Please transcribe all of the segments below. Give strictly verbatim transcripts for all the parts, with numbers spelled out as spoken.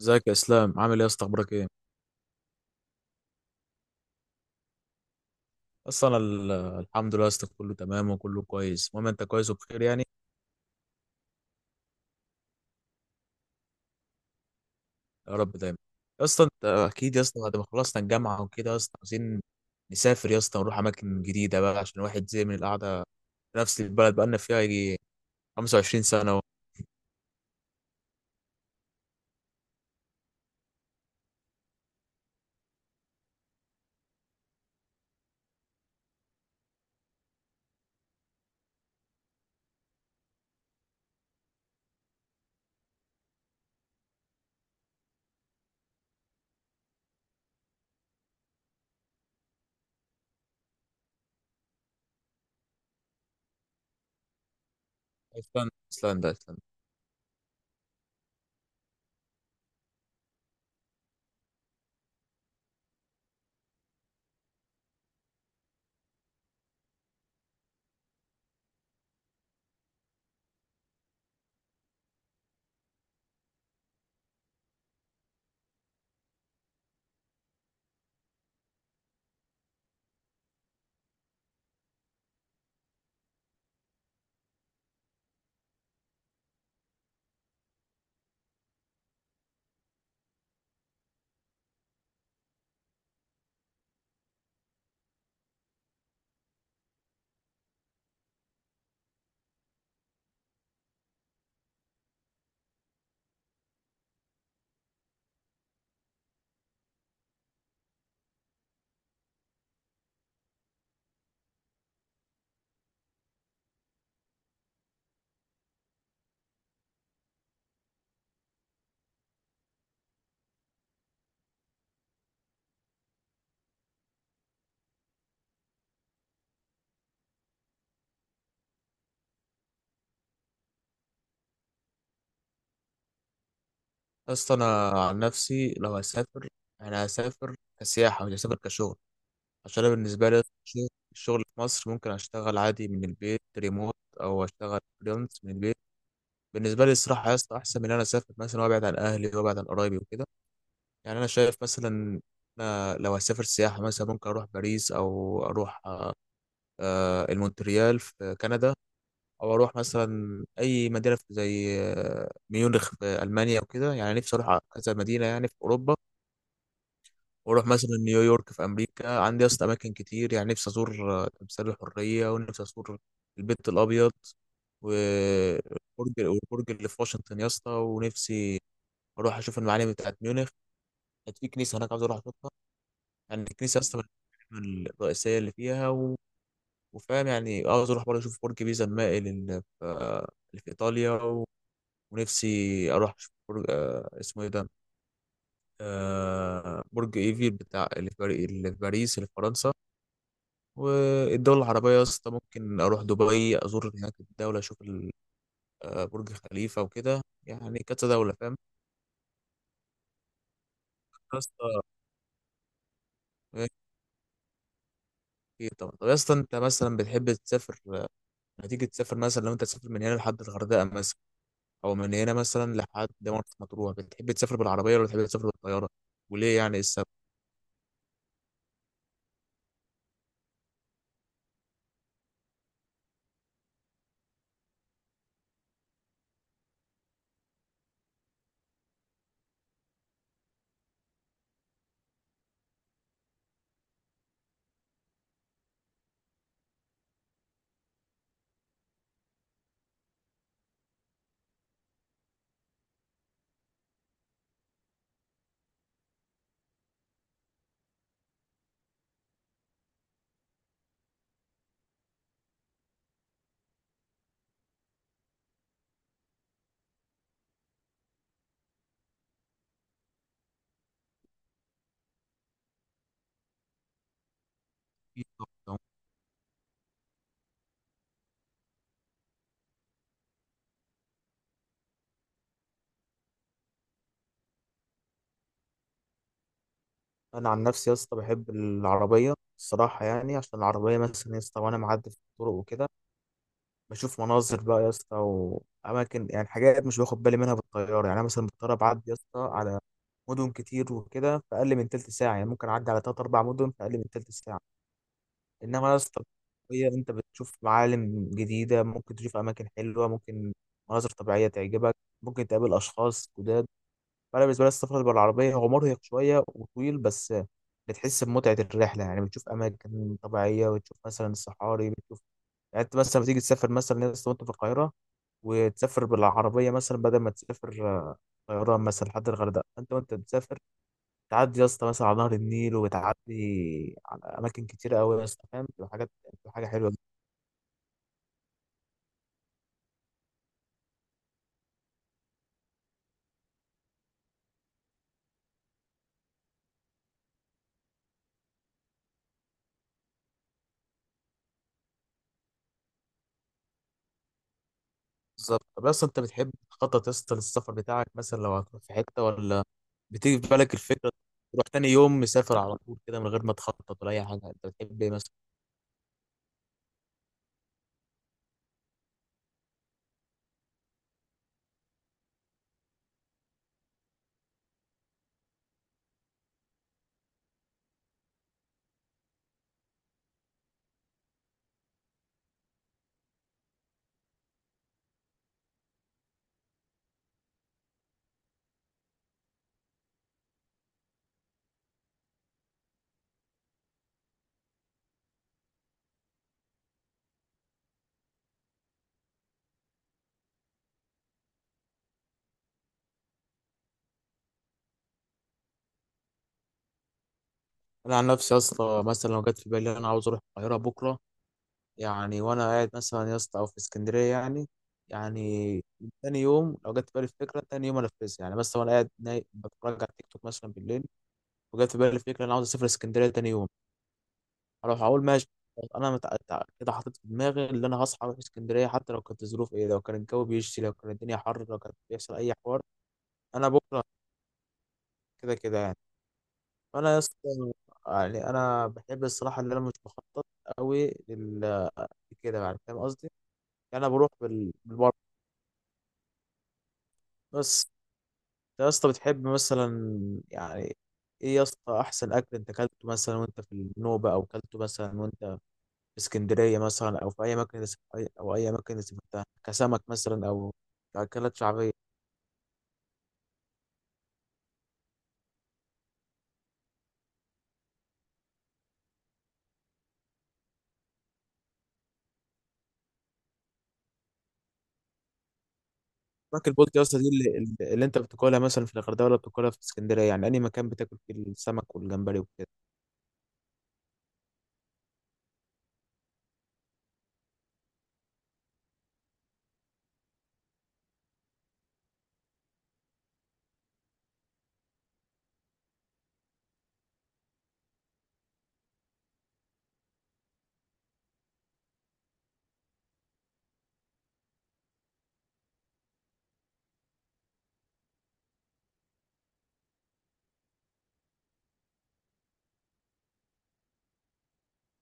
ازيك يا اسلام، عامل ايه يا اسطى؟ اخبارك ايه؟ اصلا ال- الحمد لله يا اسطى، كله تمام وكله كويس. المهم انت كويس وبخير يعني. يا رب دايما. يا اسطى انت اكيد يا اسطى، بعد ما خلصنا الجامعه وكده يا اسطى، عايزين نسافر يا اسطى ونروح اماكن جديده بقى، عشان الواحد زي من القعده في نفس البلد بقالنا فيها يجي خمس وعشرين سنه اهو. ايسلندا ايسلندا ايسلندا يا اسطى انا عن نفسي لو هسافر، انا هسافر كسياحه، مش هسافر كشغل. عشان انا بالنسبه لي يا اسطى، الشغل الشغل في مصر ممكن اشتغل عادي من البيت ريموت، او اشتغل فريلانس من البيت. بالنسبه لي الصراحه يا اسطى احسن من ان انا اسافر مثلا وابعد عن اهلي وابعد عن قرايبي وكده. يعني انا شايف مثلا، أنا لو هسافر سياحه مثلا ممكن اروح باريس، او اروح آه، المونتريال في كندا، او اروح مثلا اي مدينه في- زي آه، ميونخ في المانيا وكده. يعني نفسي اروح كذا مدينه يعني في اوروبا، واروح مثلا نيويورك في امريكا. عندي اصلا اماكن كتير يعني، نفسي ازور آه، تمثال الحريه، ونفسي ازور البيت الابيض و- والبرج والبرج اللي في واشنطن يا اسطى. ونفسي اروح اشوف المعالم بتاعت ميونخ. كانت في كنيسه هناك عاوز اروح اشوفها. يعني الكنيسه اصلا من المعالم الرئيسيه اللي فيها و... وفاهم يعني. عاوز اروح برضه اشوف برج بيزا المائل اللي في اللي في ايطاليا و... ونفسي اروح اشوف برج، آه، اسمه ايه ده، آه، برج ايفيل بتاع اللي في باري- اللي في باريس اللي في فرنسا. والدول العربيه يا اسطى ممكن اروح دبي ازور هناك الدوله، اشوف ال- آه، برج خليفه وكده. يعني كذا دوله فاهم يا اسطى. إيه، طبعا. طب يا اسطى، انت مثلا بتحب تسافر؟ هتيجي تسافر مثلا، لو انت تسافر من هنا لحد الغردقه مثلا، او من هنا مثلا لحد مرسى مطروح، بتحب تسافر بالعربيه ولا بتحب تسافر بالطياره؟ وليه يعني السبب؟ في طبعاً. انا عن نفسي يا اسطى بحب العربيه الصراحه. يعني عشان العربيه مثلا يا اسطى وانا معدي في الطرق وكده، بشوف مناظر بقى يا اسطى واماكن، يعني حاجات مش باخد بالي منها بالطياره. يعني انا مثلا بالطياره بعدي يا اسطى على مدن كتير وكده في اقل من تلت ساعه، يعني ممكن اعدي على تلات اربع مدن في اقل من تلت ساعه. انما يا اسطى، هي انت بتشوف معالم جديده، ممكن تشوف اماكن حلوه، ممكن مناظر طبيعيه تعجبك، ممكن تقابل اشخاص جداد. فانا بالنسبه لي السفر بالعربيه هو مرهق شويه وطويل، بس بتحس بمتعه الرحله. يعني بتشوف اماكن طبيعيه، وتشوف مثلا الصحاري، بتشوف يعني. انت مثلا بتيجي تسافر مثلا يا اسطى وانت في القاهره، وتسافر بالعربيه مثلا بدل ما تسافر طيران مثلا لحد الغردقه، انت وانت بتسافر تعدي يا اسطى مثلا على نهر النيل، وتعدي على اماكن كتيره قوي يا اسطى فاهم، بتبقى حاجات، بتبقى حاجه حلوه. بالظبط. طب اصلا انت بتحب تخطط يا اسطى للسفر بتاعك مثلا لو هتروح في حته، ولا بتيجي في بالك الفكره تروح تاني يوم مسافر على طول كده، من غير ما تخطط ولا اي حاجه؟ انت بتحب ايه مثلا؟ انا عن نفسي يا اسطى، مثلا لو جت في بالي انا عاوز اروح القاهره بكره، يعني وانا قاعد مثلا يا اسطى، او في اسكندريه يعني، يعني تاني يوم لو جت في بالي الفكره تاني يوم انفذها. يعني مثلا وانا قاعد نايم بتفرج على تيك توك مثلا بالليل، وجت في بالي الفكره انا عاوز اسافر اسكندريه تاني يوم، اروح اقول ماشي. انا متع... تع- كده حاطط في دماغي اللي انا هصحى اروح اسكندريه، حتى لو كانت الظروف ايه، لو كان الجو بيشتي، لو كانت الدنيا حر، لو كان بيحصل اي حوار، انا بكره كده كده يعني. فانا يا اسطى، يعني انا بحب الصراحه اللي انا مش بخطط قوي لل كده يعني، فاهم قصدي. يعني انا بروح بال... بالبر بس. انت يا اسطى بتحب مثلا يعني ايه يا اسطى احسن اكل انت اكلته مثلا وانت في النوبه، او اكلته مثلا اسكندرية مثلا، أو في أي مكان، أي- أو أي مكان سافرتها، كسمك مثلا أو كأكلات شعبية؟ سمك البلطي يا اسطى دي اللي, اللي أنت بتاكلها مثلا في الغردقة، ولا بتاكلها في اسكندرية، يعني أي مكان بتاكل فيه السمك والجمبري وكده؟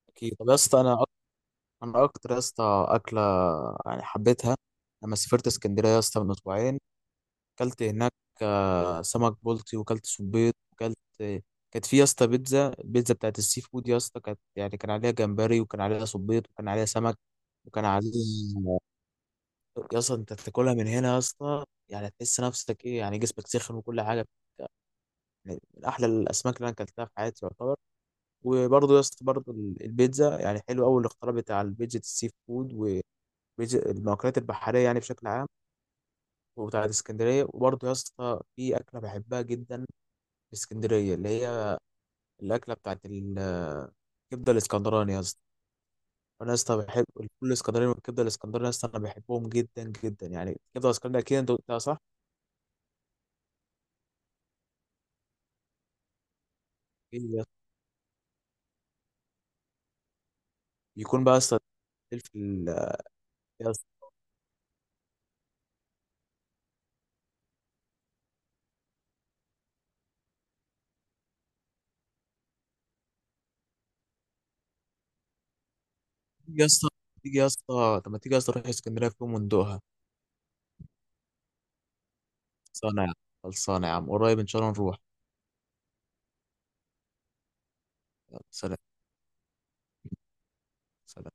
أكيد. طب يا اسطى أنا أك- أنا أكتر يا اسطى أكلة يعني حبيتها لما سافرت اسكندرية يا اسطى من أسبوعين، اكلت هناك آه، سمك بلطي، وكلت صبيط وكلت. كانت في يا اسطى بيتزا، البيتزا بتاعت السي فود يا اسطى، كانت يعني كان عليها جمبري، وكان عليها صبيط، وكان عليها سمك، وكان عليها يا اسطى. انت بتاكلها من هنا يا اسطى، يعني تحس نفسك ايه، يعني جسمك سخن وكل حاجه. يعني من احلى الاسماك اللي انا اكلتها في حياتي يعتبر. وبرضه يا اسطى، برضه ال- البيتزا، يعني حلو قوي الاختراع بتاع البيتزا السي فود، والمأكولات البحريه يعني بشكل عام، وبتاعت اسكندريه. وبرضه يا اسطى في اكله بحبها جدا اسكندريه، اللي هي الاكله بتاعت ال- الكبده الاسكندراني يا اسطى. انا يا اسطى بحب الفول الاسكندراني والكبده الاسكندراني، يا اسطى انا بحبهم جدا جدا. يعني الكبده الاسكندراني اكيد انت قلتها صح. إيه يا اسطى؟ يكون بقى يا اسطى الفلفل. يا اسطى تيجي يا اسطى، تيجي يا اسطى، طب ما تيجي يا اسطى نروح اسكندريه في يوم وندوقها. خلصانه يا عم. خلصانه يا عم قريب ان شاء الله نروح. يلا سلام. سلام.